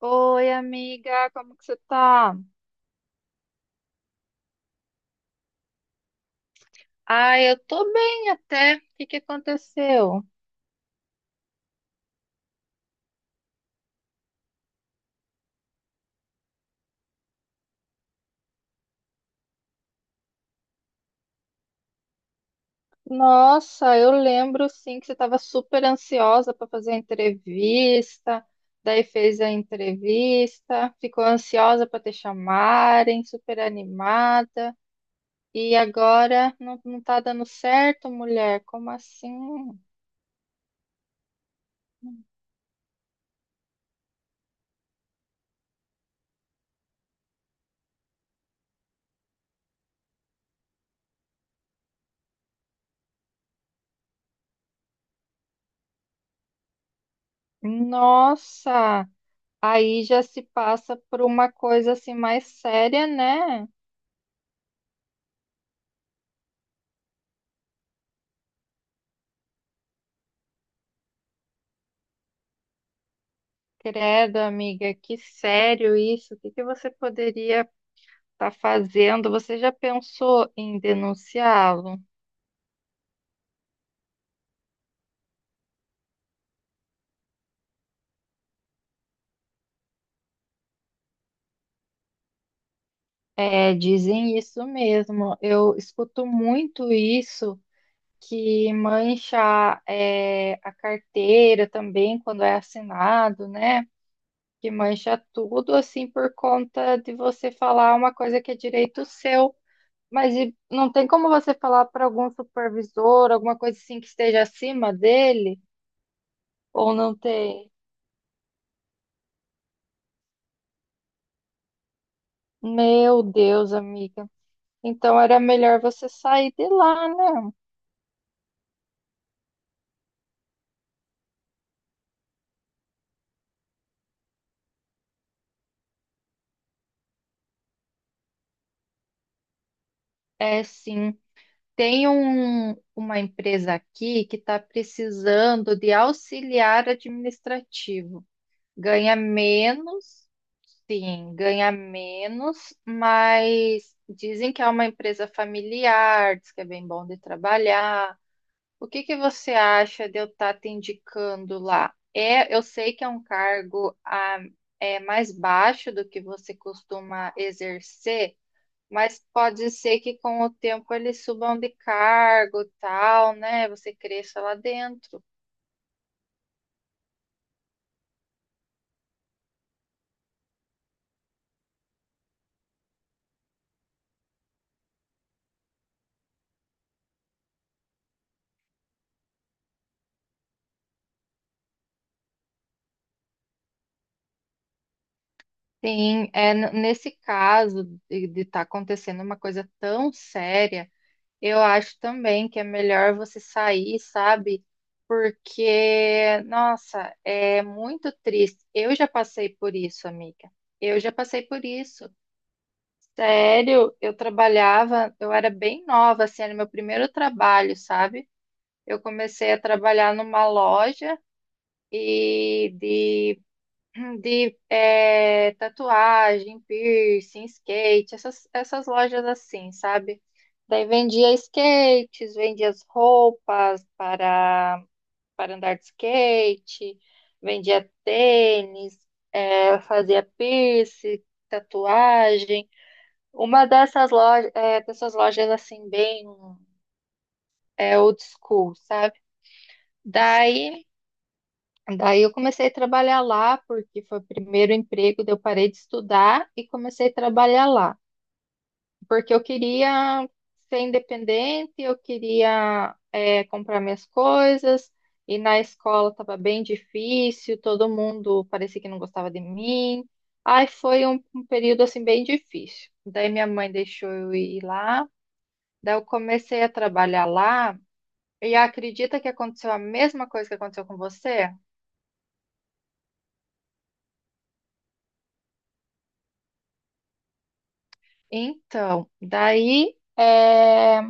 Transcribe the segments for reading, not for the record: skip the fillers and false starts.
Oi, amiga, como que você tá? Ah, eu tô bem até. O que que aconteceu? Nossa, eu lembro sim que você estava super ansiosa para fazer a entrevista, daí fez a entrevista, ficou ansiosa para te chamarem, super animada, e agora não, não tá dando certo, mulher? Como assim? Nossa, aí já se passa por uma coisa assim mais séria, né? Credo, amiga, que sério isso. O que que você poderia estar fazendo? Você já pensou em denunciá-lo? É, dizem isso mesmo. Eu escuto muito isso, que mancha, é, a carteira também quando é assinado, né? Que mancha tudo assim por conta de você falar uma coisa que é direito seu. Mas e não tem como você falar para algum supervisor, alguma coisa assim que esteja acima dele? Ou não tem? Meu Deus, amiga. Então era melhor você sair de lá, né? É sim. Tem uma empresa aqui que está precisando de auxiliar administrativo. Ganha menos, sim, ganha menos, mas dizem que é uma empresa familiar, diz que é bem bom de trabalhar. O que que você acha de eu estar te indicando lá? É, eu sei que é um cargo é mais baixo do que você costuma exercer, mas pode ser que com o tempo eles subam de cargo, tal, né? Você cresça lá dentro. Sim, nesse caso de estar acontecendo uma coisa tão séria. Eu acho também que é melhor você sair, sabe? Porque, nossa, é muito triste. Eu já passei por isso, amiga. Eu já passei por isso. Sério, eu trabalhava, eu era bem nova, assim, era meu primeiro trabalho, sabe? Eu comecei a trabalhar numa loja e de tatuagem, piercing, skate, essas lojas assim, sabe? Daí vendia skates, vendia as roupas para andar de skate, vendia tênis, fazia piercing, tatuagem. Uma dessas lojas assim, bem old school, sabe? Daí Daí eu comecei a trabalhar lá, porque foi o primeiro emprego, daí eu parei de estudar e comecei a trabalhar lá, porque eu queria ser independente, eu queria comprar minhas coisas, e na escola estava bem difícil, todo mundo parecia que não gostava de mim. Aí foi um período assim bem difícil. Daí minha mãe deixou eu ir lá, daí eu comecei a trabalhar lá, e acredita que aconteceu a mesma coisa que aconteceu com você? Então, daí, é,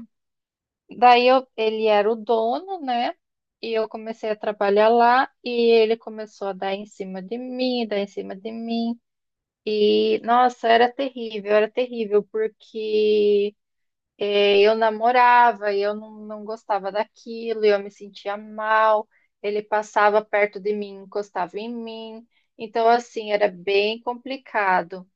daí eu, ele era o dono, né? E eu comecei a trabalhar lá e ele começou a dar em cima de mim, dar em cima de mim. E, nossa, era terrível, porque eu namorava e eu não, não gostava daquilo, e eu me sentia mal. Ele passava perto de mim, encostava em mim. Então, assim, era bem complicado.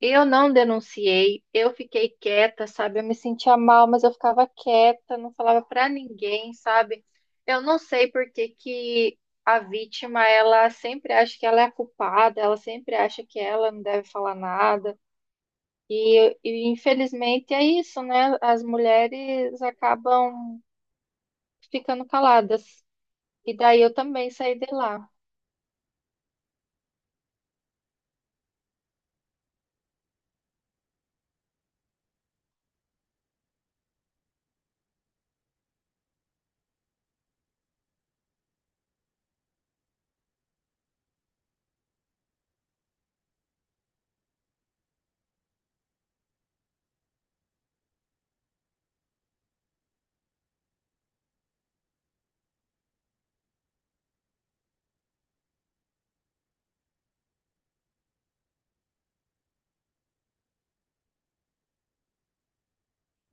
Eu não denunciei, eu fiquei quieta, sabe? Eu me sentia mal, mas eu ficava quieta, não falava pra ninguém, sabe? Eu não sei por que que a vítima, ela sempre acha que ela é a culpada, ela sempre acha que ela não deve falar nada. E infelizmente é isso, né? As mulheres acabam ficando caladas. E daí eu também saí de lá,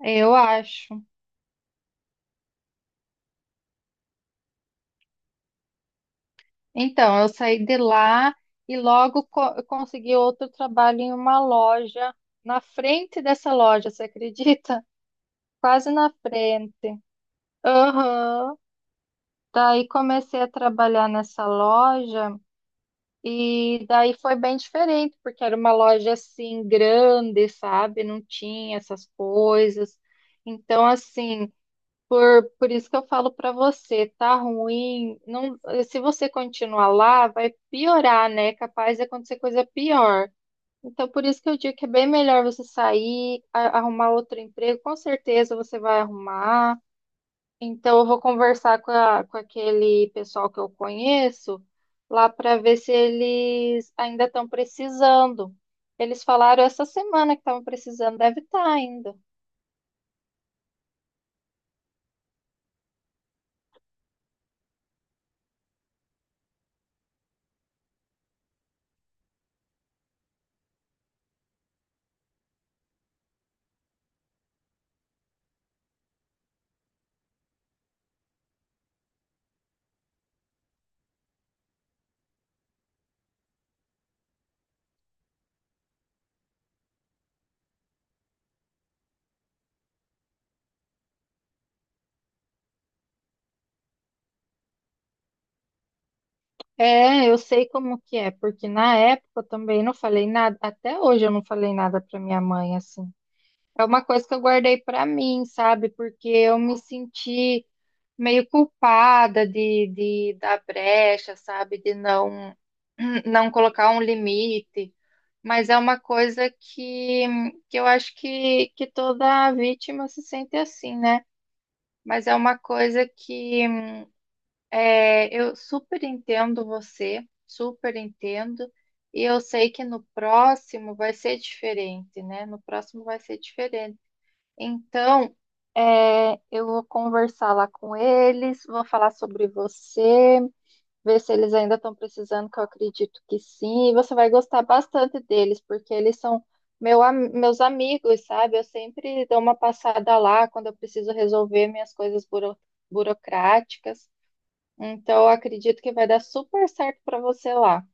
eu acho. Então, eu saí de lá e logo eu consegui outro trabalho em uma loja, na frente dessa loja, você acredita? Quase na frente. Aham. Daí comecei a trabalhar nessa loja e daí foi bem diferente, porque era uma loja assim grande, sabe? Não tinha essas coisas. Então, assim, por isso que eu falo pra você, tá ruim. Não, se você continuar lá, vai piorar, né? Capaz de acontecer coisa pior. Então, por isso que eu digo que é bem melhor você sair, arrumar outro emprego. Com certeza você vai arrumar. Então, eu vou conversar com aquele pessoal que eu conheço lá pra ver se eles ainda estão precisando. Eles falaram essa semana que estavam precisando, deve estar ainda. É, eu sei como que é, porque na época eu também não falei nada, até hoje eu não falei nada pra minha mãe, assim. É uma coisa que eu guardei pra mim, sabe? Porque eu me senti meio culpada de dar brecha, sabe? De não, não colocar um limite. Mas é uma coisa que eu acho que toda vítima se sente assim, né? Mas é uma coisa que eu super entendo você, super entendo, e eu sei que no próximo vai ser diferente, né? No próximo vai ser diferente. Então, eu vou conversar lá com eles, vou falar sobre você, ver se eles ainda estão precisando, que eu acredito que sim, e você vai gostar bastante deles, porque eles são meus amigos, sabe? Eu sempre dou uma passada lá quando eu preciso resolver minhas coisas burocráticas. Então, eu acredito que vai dar super certo para você lá.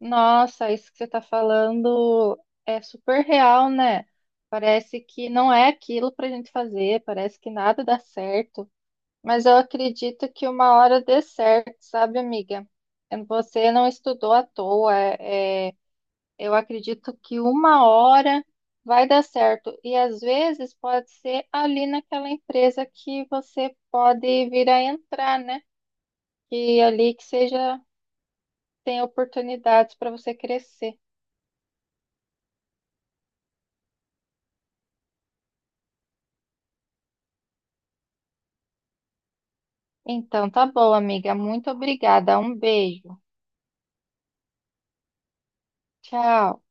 Nossa, isso que você está falando é super real, né? Parece que não é aquilo para a gente fazer, parece que nada dá certo. Mas eu acredito que uma hora dê certo, sabe, amiga? Você não estudou à toa. Eu acredito que uma hora vai dar certo. E às vezes pode ser ali naquela empresa que você pode vir a entrar, né? E ali que seja. Tem oportunidades para você crescer. Então, tá bom, amiga. Muito obrigada. Um beijo. Tchau.